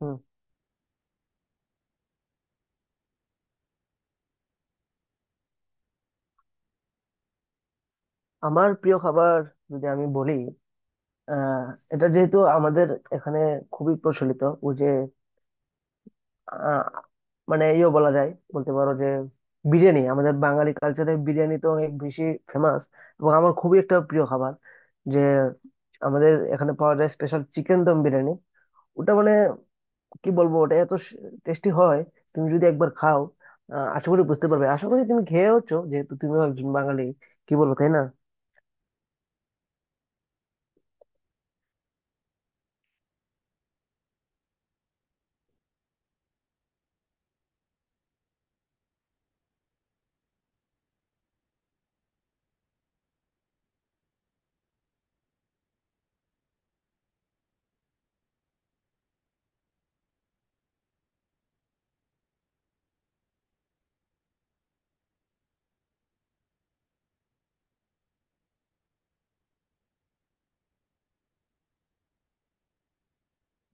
হুম, আমার প্রিয় খাবার যদি আমি বলি আহ এটা যেহেতু আমাদের এখানে খুবই প্রচলিত, ও যে আহ, মানে ইয়ে বলা যায়, বলতে পারো যে বিরিয়ানি, আমাদের বাঙালি কালচারে বিরিয়ানি তো অনেক বেশি ফেমাস এবং আমার খুবই একটা প্রিয় খাবার যে আমাদের এখানে পাওয়া যায়, স্পেশাল চিকেন দম বিরিয়ানি। ওটা মানে কি বলবো, ওটা এত টেস্টি হয়, তুমি যদি একবার খাও আশা করি বুঝতে পারবে। আশা করি তুমি খেয়েওছো যেহেতু তুমিও একজন বাঙালি, কি বলবো তাই না।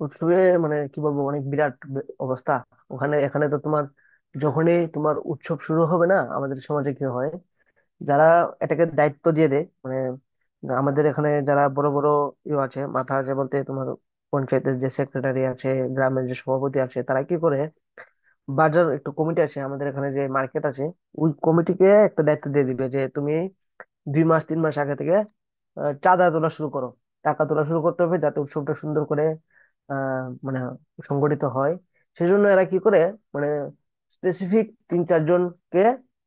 উৎসবে মানে কি বলবো অনেক বিরাট অবস্থা। ওখানে এখানে তো তোমার, যখনই তোমার উৎসব শুরু হবে না, আমাদের সমাজে কি হয়, যারা এটাকে দায়িত্ব দিয়ে দেয় মানে আমাদের এখানে যারা বড় বড় ইয়ে আছে, মাথা আছে বলতে তোমার পঞ্চায়েতের যে সেক্রেটারি আছে, গ্রামের যে সভাপতি আছে, তারা কি করে, বাজার একটু কমিটি আছে আমাদের এখানে, যে মার্কেট আছে ওই কমিটিকে একটা দায়িত্ব দিয়ে দিবে যে তুমি দুই মাস তিন মাস আগে থেকে চাঁদা তোলা শুরু করো, টাকা তোলা শুরু করতে হবে, যাতে উৎসবটা সুন্দর করে আহ মানে সংগঠিত হয়। সেজন্য এরা কি করে, মানে স্পেসিফিক তিন চারজনকে,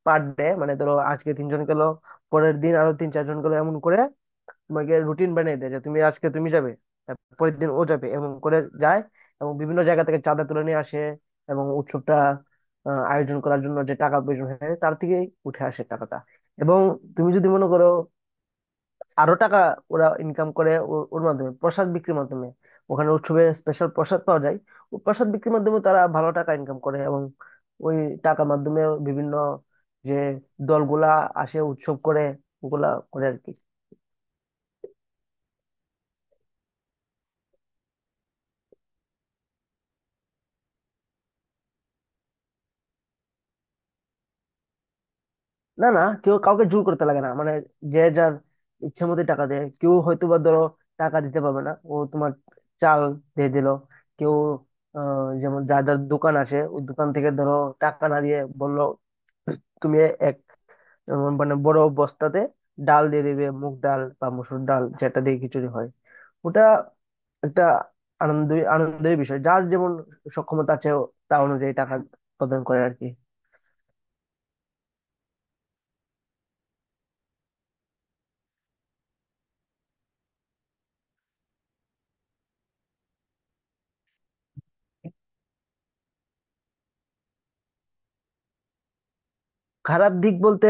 পার ডে মানে ধরো আজকে তিনজন গেল, পরের দিন আরো তিন চারজন গেল, এমন করে তোমাকে রুটিন বানিয়ে দেয় যে তুমি আজকে তুমি যাবে, তার পরের দিন ও যাবে, এবং করে যায় এবং বিভিন্ন জায়গা থেকে চাঁদা তুলে নিয়ে আসে। এবং উৎসবটা আয়োজন করার জন্য যে টাকা প্রয়োজন হয়, তার থেকেই উঠে আসে টাকাটা। এবং তুমি যদি মনে করো আরো টাকা ওরা ইনকাম করে ওর মাধ্যমে, প্রসাদ বিক্রির মাধ্যমে। ওখানে উৎসবে স্পেশাল প্রসাদ পাওয়া যায়, ও প্রসাদ বিক্রির মাধ্যমে তারা ভালো টাকা ইনকাম করে, এবং ওই টাকার মাধ্যমে বিভিন্ন যে দলগুলা আসে উৎসব করে, ওগুলা করে আর কি। না না, কেউ কাউকে জোর করতে লাগে না মানে যে যার ইচ্ছে মতো টাকা দেয়, কেউ হয়তো বা ধরো টাকা দিতে পারবে না, ও তোমার চাল দিয়ে দিল, কেউ যেমন যার যার দোকান আছে ওই দোকান থেকে ধরো টাকা না দিয়ে বললো তুমি এক মানে বড় বস্তাতে ডাল দিয়ে দিবে, মুগ ডাল বা মসুর ডাল যেটা দিয়ে খিচুড়ি হয়। ওটা একটা আনন্দ, আনন্দের বিষয়, যার যেমন সক্ষমতা আছে ও তা অনুযায়ী টাকা প্রদান করে আর কি। খারাপ দিক বলতে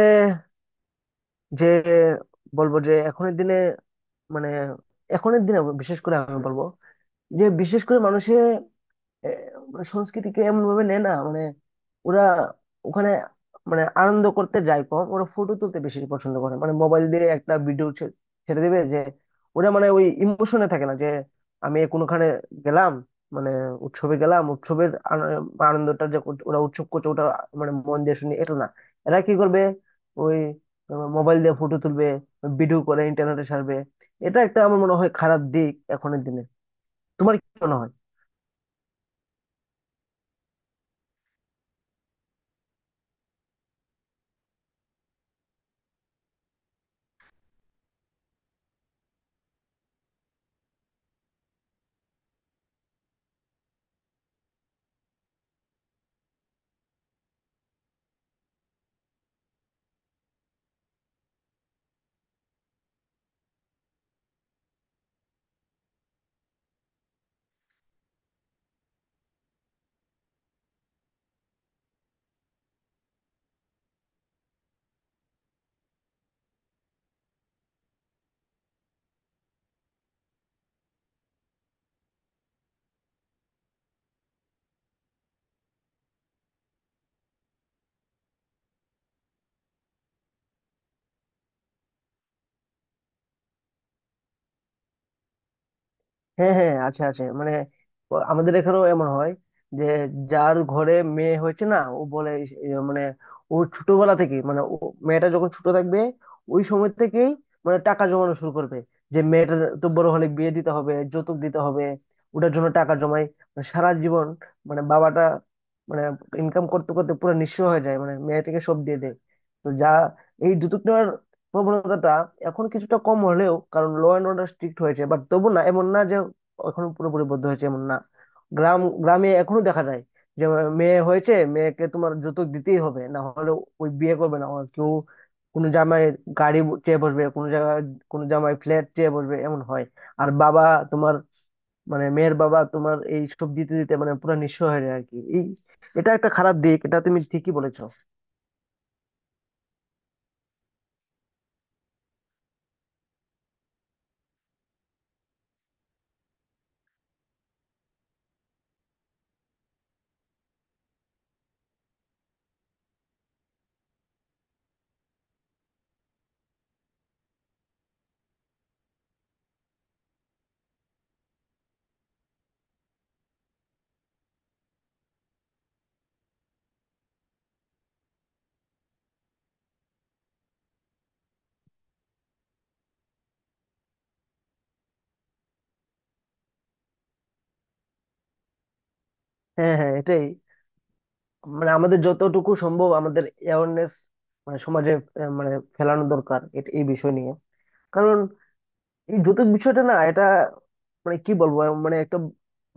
যে বলবো যে এখনের দিনে, মানে এখনের দিনে বিশেষ করে আমি বলবো যে বিশেষ করে মানুষে এ, মানে সংস্কৃতিকে এমন ভাবে নেয় না, মানে ওরা ওখানে মানে আনন্দ করতে যায় কম, ওরা ফটো তুলতে বেশি পছন্দ করে, মানে মোবাইল দিয়ে একটা ভিডিও ছেড়ে দেবে যে, ওরা মানে ওই ইমোশনে থাকে না যে আমি কোনোখানে গেলাম, মানে উৎসবে গেলাম, উৎসবের আনন্দটা যে ওরা উৎসব করছে ওটা মানে মন দিয়ে শুনি, এটা না, এরা কি করবে ওই মোবাইল দিয়ে ফটো তুলবে, ভিডিও করে ইন্টারনেটে ছাড়বে। এটা একটা আমার মনে হয় খারাপ দিক এখনের দিনে, তোমার কি মনে হয়। হ্যাঁ হ্যাঁ আছে আছে, মানে ও আমাদের এখানেও এমন হয় যে যার ঘরে মেয়ে হয়েছে না, ও বলে মানে ও ছোটবেলা থেকে মানে ও মেয়েটা যখন ছোট থাকবে ওই সময় থেকেই মানে টাকা জমানো শুরু করবে, যে মেয়েটা তো বড় হলে বিয়ে দিতে হবে, যৌতুক দিতে হবে, ওটার জন্য টাকা জমাই মানে সারা জীবন, মানে বাবাটা মানে ইনকাম করতে করতে পুরো নিঃস্ব হয়ে যায়, মানে মেয়েটাকে সব দিয়ে দেয়। তো যা, এই যৌতুক নেওয়ার প্রবণতাটা এখন কিছুটা কম হলেও, কারণ ল অ্যান্ড অর্ডার স্ট্রিক্ট হয়েছে, বাট তবু না এমন না, এখনো পুরোপুরি বদ্ধ হয়েছে এমন না। গ্রাম গ্রামে এখনো দেখা যায় যে মেয়ে হয়েছে, মেয়েকে তোমার যৌতুক দিতেই হবে, না হলে ওই বিয়ে করবে না ওর কেউ, কোনো জামাই গাড়ি চেয়ে বসবে, কোনো জায়গায় কোনো জামাই ফ্ল্যাট চেয়ে বসবে, এমন হয়। আর বাবা তোমার, মানে মেয়ের বাবা তোমার এই সব দিতে দিতে মানে পুরো নিঃস্ব হয়ে যায় আর কি। এই এটা একটা খারাপ দিক, এটা তুমি ঠিকই বলেছো। হ্যাঁ হ্যাঁ এটাই, মানে আমাদের যতটুকু সম্ভব আমাদের অ্যাওয়ারনেস মানে সমাজে মানে ফেলানো দরকার এই বিষয় নিয়ে। কারণ এই যৌতুক বিষয়টা না, এটা মানে কি বলবো, মানে একটা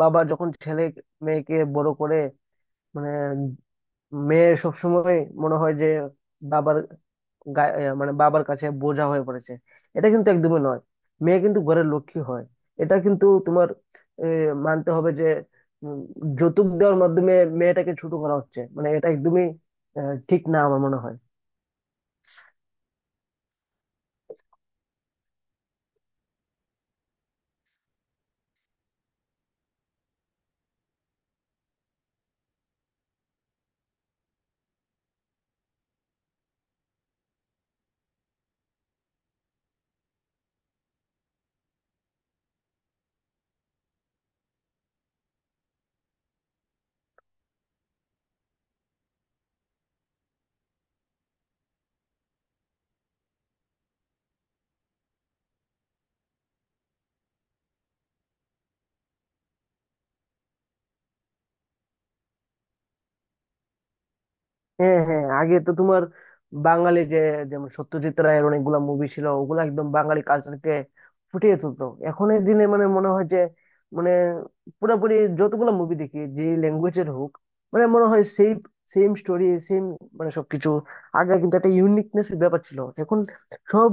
বাবা যখন ছেলে মেয়েকে বড় করে, মানে মেয়ে সবসময় মনে হয় যে বাবার মানে বাবার কাছে বোঝা হয়ে পড়েছে। এটা কিন্তু একদমই নয়, মেয়ে কিন্তু ঘরের লক্ষ্মী হয়। এটা কিন্তু তোমার এ, মানতে হবে যে উম, যৌতুক দেওয়ার মাধ্যমে মেয়েটাকে ছোট করা হচ্ছে, মানে এটা একদমই ঠিক না আমার মনে হয়। হ্যাঁ হ্যাঁ আগে তো তোমার বাঙালি যে, যেমন সত্যজিৎ রায়ের অনেকগুলা মুভি ছিল, ওগুলো একদম বাঙালি কালচারকে ফুটিয়ে তুলতো। এখনের দিনে মানে মনে হয় যে মানে পুরোপুরি যতগুলো মুভি দেখি যে ল্যাঙ্গুয়েজের হোক, মানে মনে হয় সেই সেম স্টোরি সেম, মানে সবকিছু। আগে কিন্তু একটা ইউনিকনেস ব্যাপার ছিল, এখন সব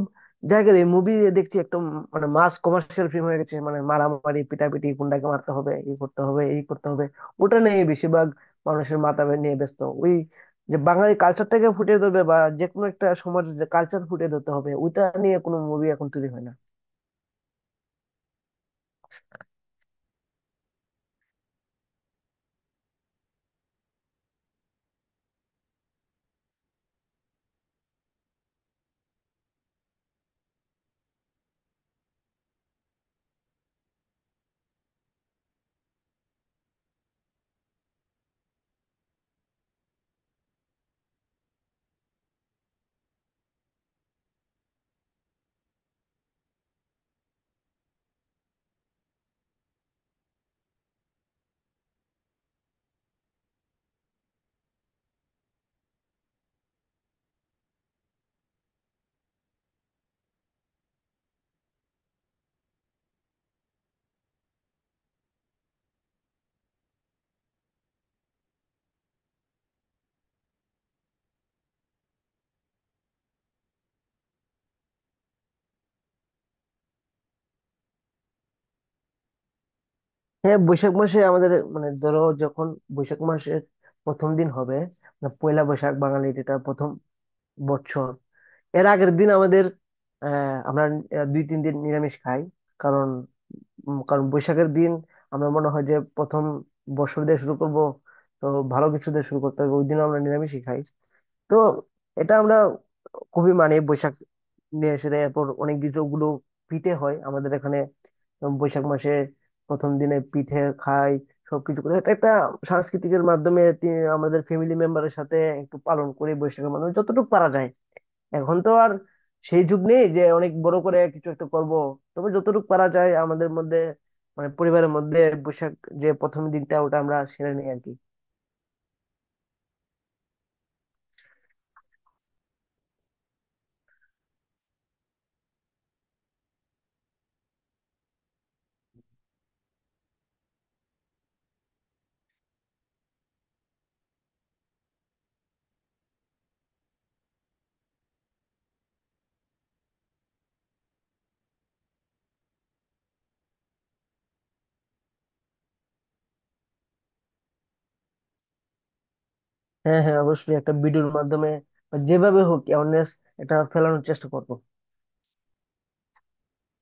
জায়গায় মুভি দেখছি একদম মানে মাস কমার্শিয়াল ফিল্ম হয়ে গেছে, মানে মারামারি পিটাপিটি, গুন্ডাকে মারতে হবে, এই করতে হবে, এই করতে হবে, ওটা নিয়ে বেশিরভাগ মানুষের মাথা নিয়ে ব্যস্ত। ওই যে বাঙালি কালচারটাকে ফুটিয়ে ধরবে, বা যে কোনো একটা সমাজের যে কালচার ফুটিয়ে ধরতে হবে, ওইটা নিয়ে কোনো মুভি এখন তৈরি হয় না। হ্যাঁ বৈশাখ মাসে আমাদের, মানে ধরো যখন বৈশাখ মাসের প্রথম দিন হবে, মানে পয়লা বৈশাখ, বাঙালির এটা প্রথম বছর, এর আগের দিন আমাদের আহ আমরা দুই তিন দিন নিরামিষ খাই কারণ কারণ বৈশাখের দিন আমরা মনে হয় যে প্রথম বর্ষর দিয়ে শুরু করব, তো ভালো কিছু দিয়ে শুরু করতে হবে, ওই দিন আমরা নিরামিষই খাই। তো এটা আমরা খুবই মানে বৈশাখ নিয়ে এসে দেয়। এরপর অনেক কিছু গুলো পিঠে হয় আমাদের এখানে, বৈশাখ মাসে প্রথম দিনে পিঠে খাই, সবকিছু করে। এটা একটা সাংস্কৃতিকের মাধ্যমে আমাদের ফ্যামিলি মেম্বারের সাথে একটু পালন করি বৈশাখের মাধ্যমে যতটুকু পারা যায়। এখন তো আর সেই যুগ নেই যে অনেক বড় করে কিছু একটা করব, তবে যতটুকু পারা যায় আমাদের মধ্যে মানে পরিবারের মধ্যে বৈশাখ যে প্রথম দিনটা ওটা আমরা সেরে নিই আর কি। হ্যাঁ হ্যাঁ অবশ্যই, একটা ভিডিওর মাধ্যমে বা যেভাবে হোক অ্যাওয়ারনেস এটা ফেলানোর চেষ্টা করবো।